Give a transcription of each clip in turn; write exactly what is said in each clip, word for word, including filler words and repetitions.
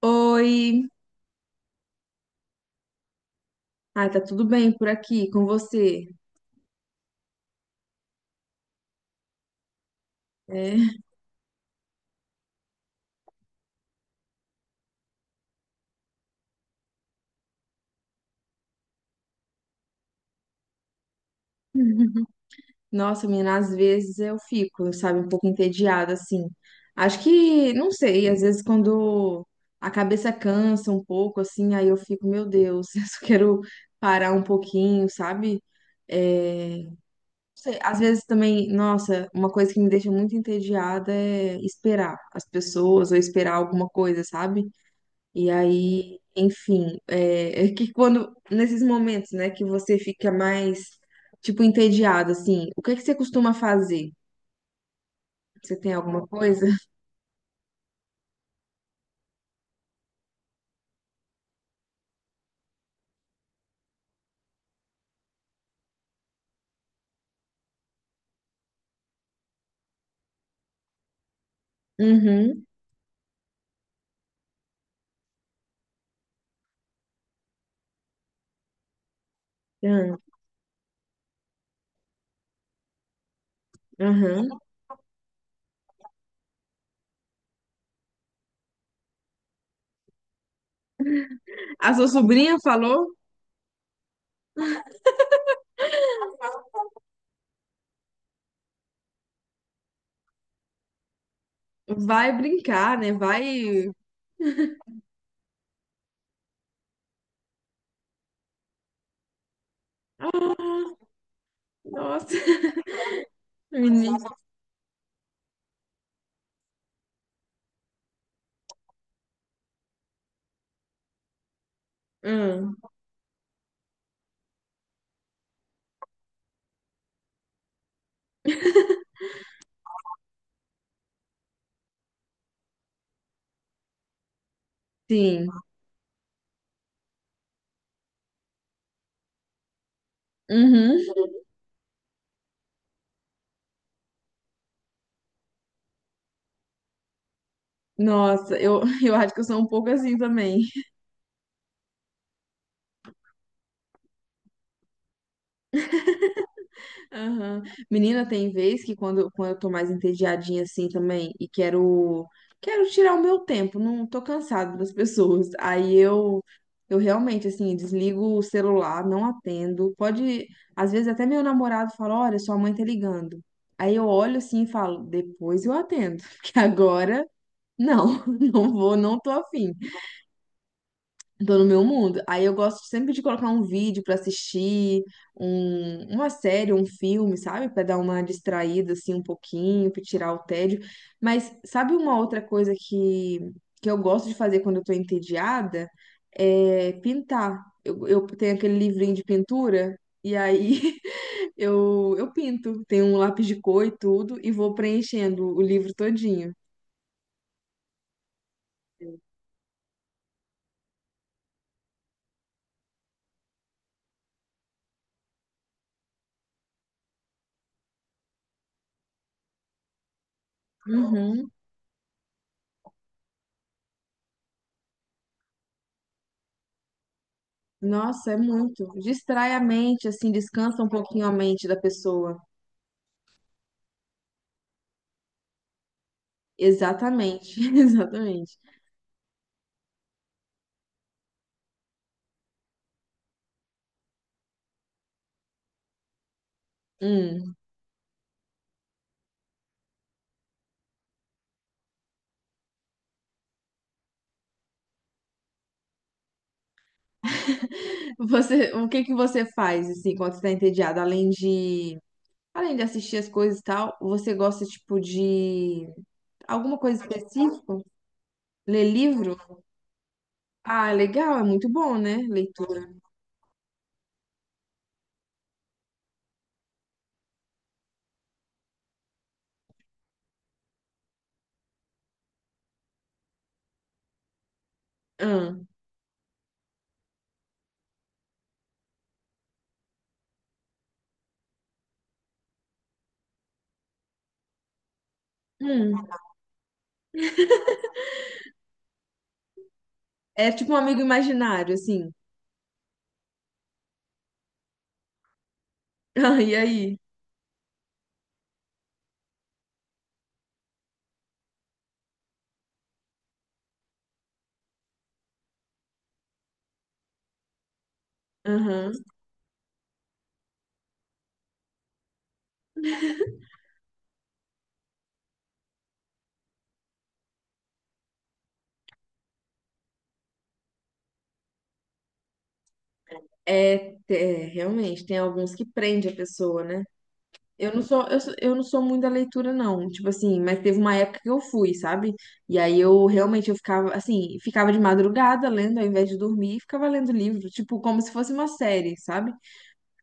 Oi, ai, tá tudo bem por aqui com você? É, nossa, menina, às vezes eu fico, sabe, um pouco entediada assim. Acho que, não sei, às vezes quando a cabeça cansa um pouco assim, aí eu fico, meu Deus, eu só quero parar um pouquinho, sabe? É, não sei, às vezes também, nossa, uma coisa que me deixa muito entediada é esperar as pessoas ou esperar alguma coisa, sabe? E aí, enfim, é, é que quando, nesses momentos, né, que você fica mais, tipo, entediado, assim, o que é que você costuma fazer? Você tem alguma coisa? Uhum, aham. Aham. A sua sobrinha falou, vai brincar, né, vai... Ah, nossa, menino. Ah, sim, uhum. Nossa, eu, eu acho que eu sou um pouco assim também. Aham. Menina, tem vez que quando, quando eu tô mais entediadinha assim também e quero quero tirar o meu tempo, não tô cansada das pessoas. Aí eu eu realmente assim desligo o celular, não atendo. Pode, às vezes até meu namorado fala, olha, sua mãe tá ligando. Aí eu olho assim e falo, depois eu atendo, porque agora não, não vou, não tô afim. Tô no meu mundo. Aí eu gosto sempre de colocar um vídeo pra assistir, um, uma série, um filme, sabe? Pra dar uma distraída assim um pouquinho, pra tirar o tédio. Mas sabe uma outra coisa que, que eu gosto de fazer quando eu tô entediada? É pintar. Eu, eu tenho aquele livrinho de pintura e aí eu, eu pinto. Tenho um lápis de cor e tudo e vou preenchendo o livro todinho. Uhum. Nossa, é muito. Distrai a mente, assim, descansa um pouquinho a mente da pessoa. Exatamente, exatamente. Hum. Você, o que que você faz, assim, quando você tá entediado? Além de, além de assistir as coisas e tal, você gosta, tipo, de alguma coisa específica? Ler livro? Ah, legal, é muito bom, né? Leitura. Ah. Hum. É tipo um amigo imaginário, assim. Ah, e aí? Aham. É, é, realmente, tem alguns que prende a pessoa, né? Eu não sou, eu, sou- eu não sou muito da leitura, não. Tipo assim, mas teve uma época que eu fui, sabe? E aí eu realmente eu ficava assim, ficava de madrugada lendo ao invés de dormir e ficava lendo livro, tipo, como se fosse uma série, sabe?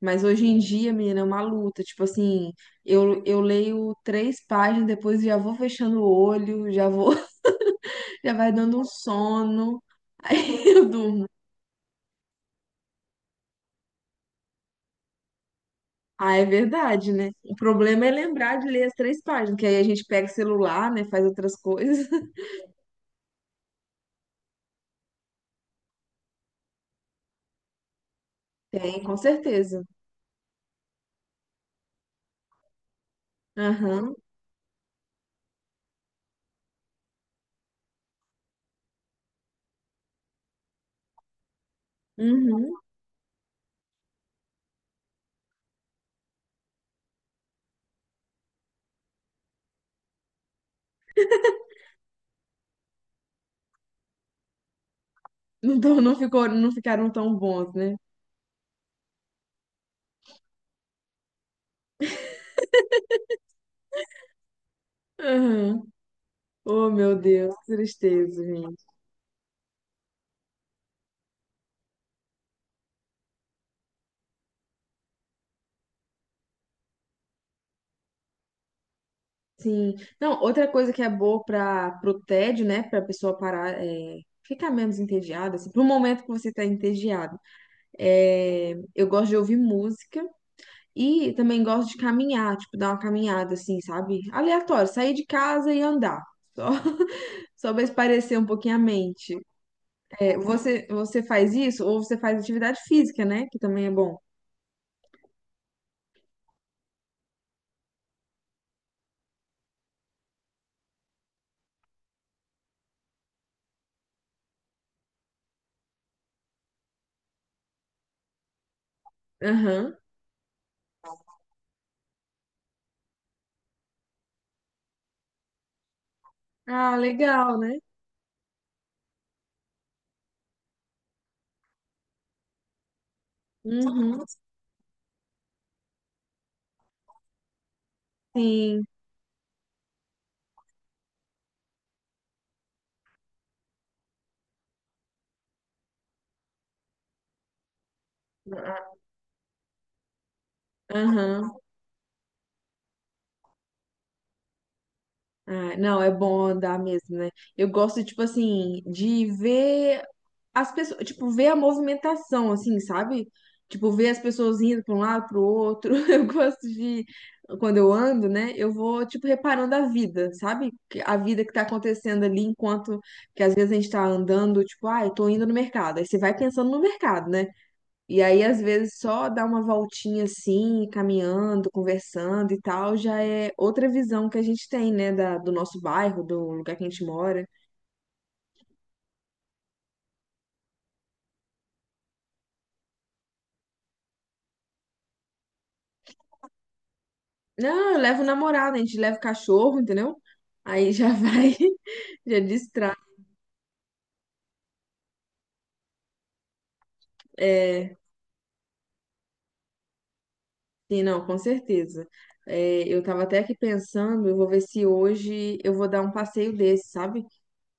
Mas hoje em dia, menina, é uma luta. Tipo assim, eu, eu leio três páginas, depois já vou fechando o olho, já vou, já vai dando um sono, aí eu durmo. Ah, é verdade, né? O problema é lembrar de ler as três páginas, que aí a gente pega o celular, né, faz outras coisas. Tem, com certeza. Aham. Uhum. Então não ficou, não ficaram tão bons, né? Aham. Oh, meu Deus, que tristeza, gente. Sim. Não, outra coisa que é boa para pro tédio, né? Pra pessoa parar, é, ficar menos entediada, assim, pro momento que você tá entediado. É, eu gosto de ouvir música e também gosto de caminhar, tipo, dar uma caminhada, assim, sabe? Aleatório, sair de casa e andar. Só, só pra espairecer um pouquinho a mente. É, você, você faz isso ou você faz atividade física, né? Que também é bom. Aham. Ah, legal, né? Uhum, sim. Aham. Ah, não, é bom andar mesmo, né? Eu gosto, tipo assim, de ver as pessoas, tipo, ver a movimentação, assim, sabe? Tipo, ver as pessoas indo para um lado, para o outro. Eu gosto de, quando eu ando, né? Eu vou, tipo, reparando a vida, sabe? Que- A vida que tá acontecendo ali, enquanto que às vezes a gente tá andando, tipo, ah, eu tô indo no mercado. Aí você vai pensando no mercado, né? E aí, às vezes, só dar uma voltinha assim, caminhando, conversando e tal, já é outra visão que a gente tem, né, da, do nosso bairro, do lugar que a gente mora. Não, eu levo o namorado, a gente leva o cachorro, entendeu? Aí já vai, já distrai. É, sim, não, com certeza. É, eu tava até aqui pensando, eu vou ver se hoje eu vou dar um passeio desse, sabe?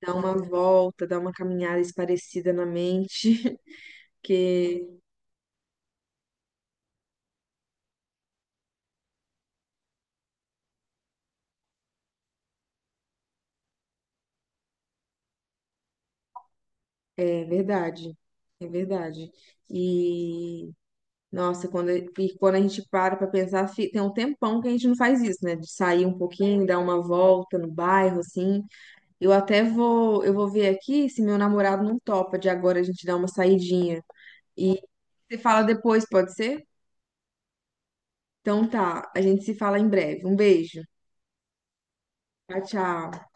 Dar uma volta, dar uma caminhada esparecida na mente, porque é verdade, é verdade. E nossa, quando, e quando a gente para pra pensar, fi- tem um tempão que a gente não faz isso, né? De sair um pouquinho, dar uma volta no bairro, assim. Eu até vou, eu vou ver aqui se meu namorado não topa de agora a gente dar uma saidinha. E você fala depois, pode ser? Então tá, a gente se fala em breve. Um beijo. Tchau, tchau.